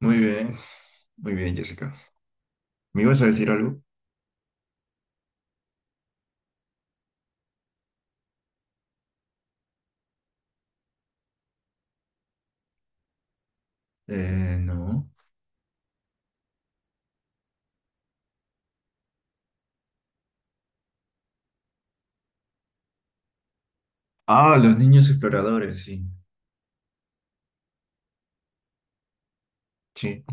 Muy bien, muy bien, Jessica. ¿Me ibas a decir algo? No. Ah, los niños exploradores, sí. Sí.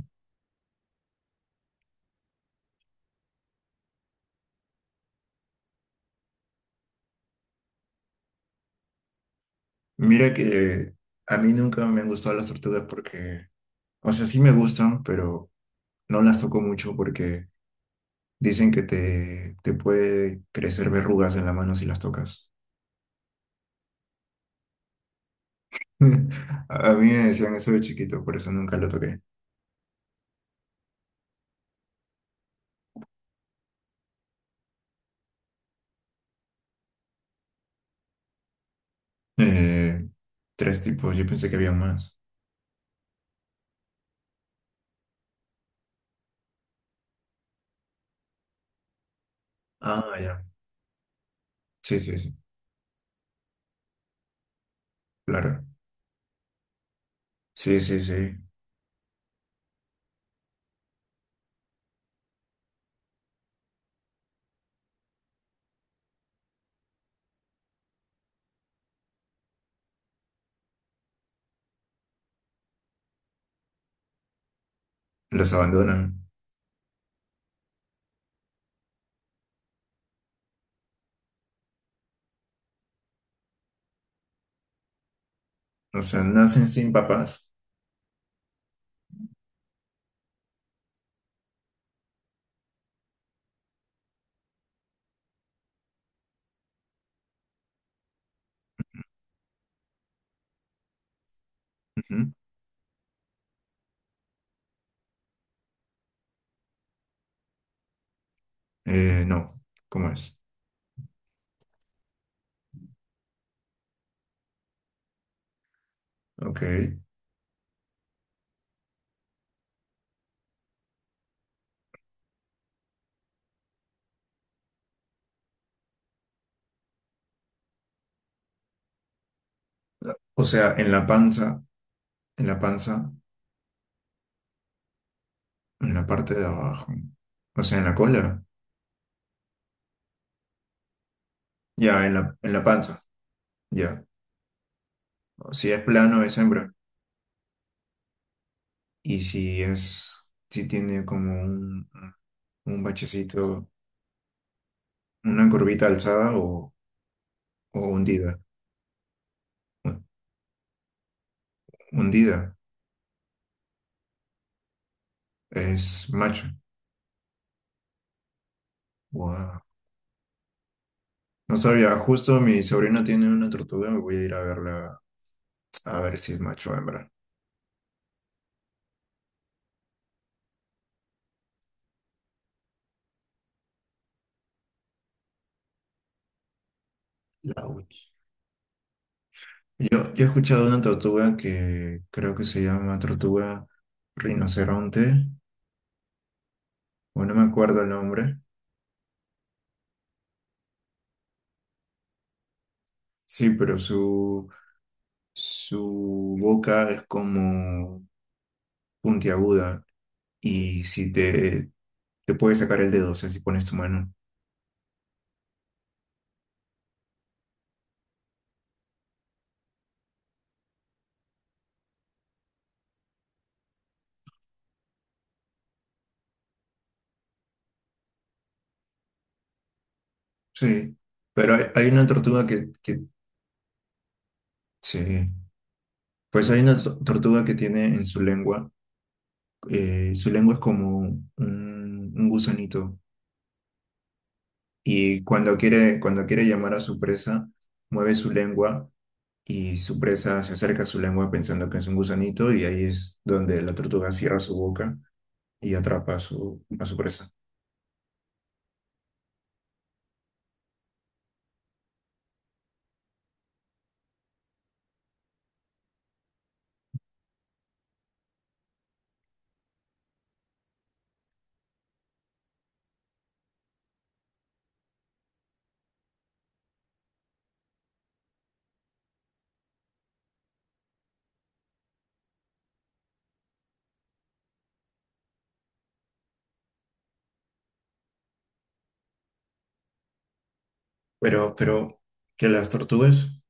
Mira que a mí nunca me han gustado las tortugas porque, o sea, sí me gustan, pero no las toco mucho porque dicen que te puede crecer verrugas en la mano si las tocas. A mí me decían eso de chiquito, por eso nunca lo toqué. Eh, Tres tipos, yo pensé que había más. Ah, ya. Sí, sí, sí, claro. Sí, sí, sí. Los abandonan. O sea, nacen sin papás. Ujú. No, ¿cómo es? Ok. O sea, en la panza, en la panza, en la parte de abajo. O sea, en la cola. Ya, en en la panza. Ya. Si es plano, es hembra. Y si es, si tiene como un bachecito, una curvita alzada o hundida. Hun- Hundida. Es macho. Wow. No sabía, justo mi sobrina tiene una tortuga, voy a ir a verla a ver si es macho o hembra. La uch. Yo he escuchado de una tortuga que creo que se llama tortuga rinoceronte, o no me acuerdo el nombre. Sí, pero su boca es como puntiaguda y si te puede sacar el dedo, o sea, si pones tu mano. Sí, pero hay una tortuga sí, pues hay una tortuga que tiene en su lengua es como un gusanito, y cuando quiere llamar a su presa, mueve su lengua y su presa se acerca a su lengua pensando que es un gusanito y ahí es donde la tortuga cierra su boca y atrapa a a su presa. Pero que las tortugas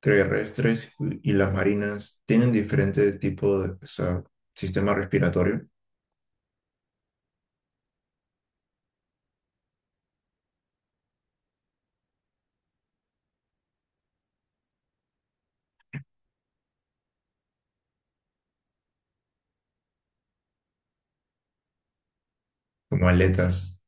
terrestres y las marinas tienen diferente tipo de, o sea, sistema respiratorio, como aletas.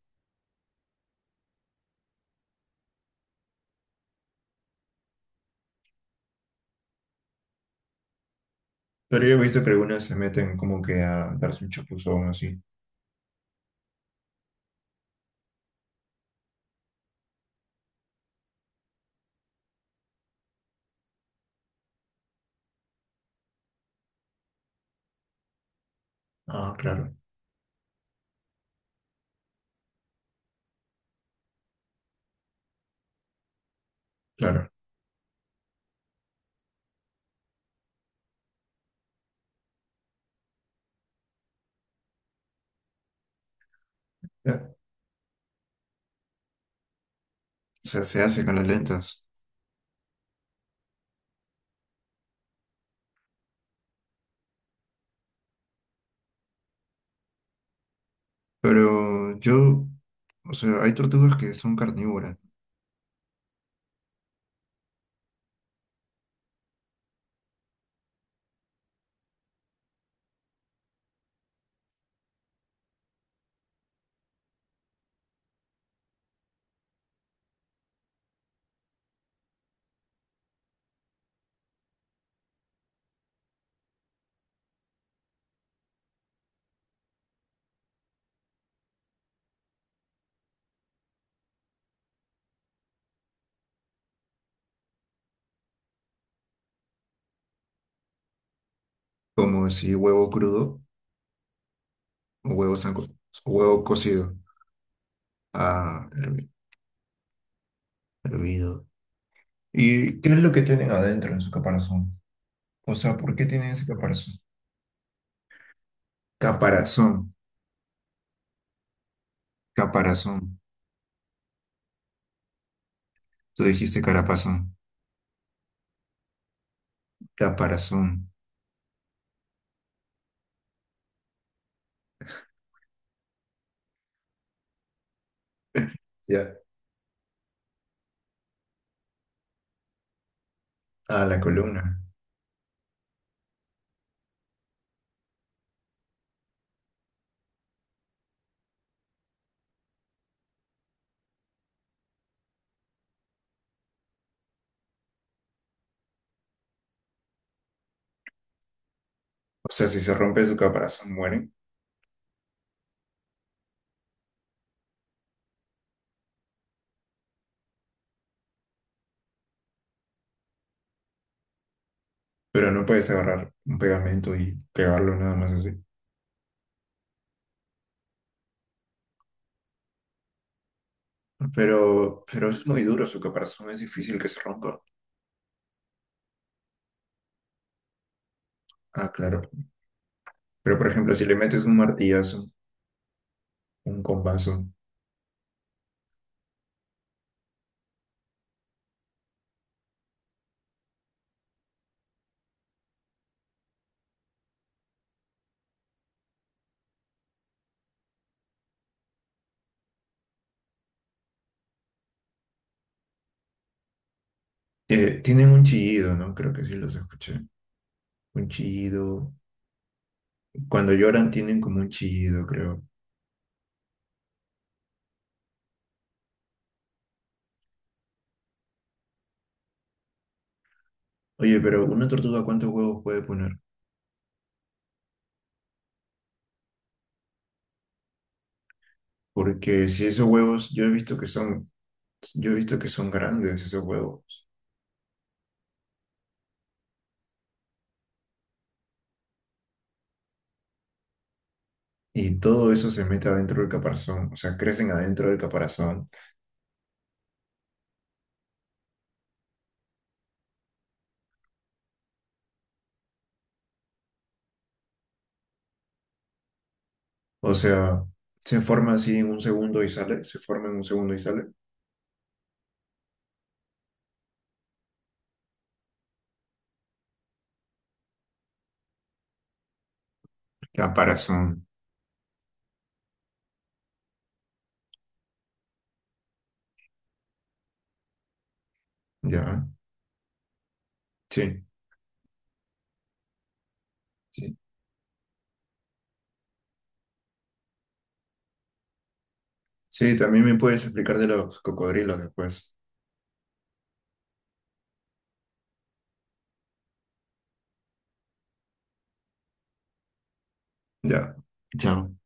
Pero yo he visto que algunas se meten como que a darse un chapuzón así. Ah, claro, claro. Ya. O sea, se hace con las lentas. Pero yo, o sea, hay tortugas que son carnívoras, como si huevo crudo o huevo, o huevo cocido, ah, hervi- hervido. ¿Y qué es lo que tienen adentro de su caparazón? O sea, ¿por qué tienen ese caparazón? Caparazón, caparazón. Tú dijiste carapazón, caparazón. Ya, ah la columna. O sea, si se rompe su caparazón, mueren, pero no puedes agarrar un pegamento y pegarlo nada más así. Pero es muy duro, su caparazón es difícil que se rompa. Ah, claro. Pero, por ejemplo, si le metes un martillazo, un compaso, tienen un chillido, ¿no? Creo que sí los escuché. Un chillido. Cuando lloran tienen como un chillido, creo. Oye, pero una tortuga, ¿cuántos huevos puede poner? Porque si esos huevos, yo he visto que son, yo he visto que son grandes esos huevos. Y todo eso se mete adentro del caparazón, o sea, crecen adentro del caparazón. O sea, se forma así en un segundo y sale, se forma en un segundo y sale. La parazón, ya. Sí, sí. Sí, también me puedes explicar de los cocodrilos después. Ya. Chao.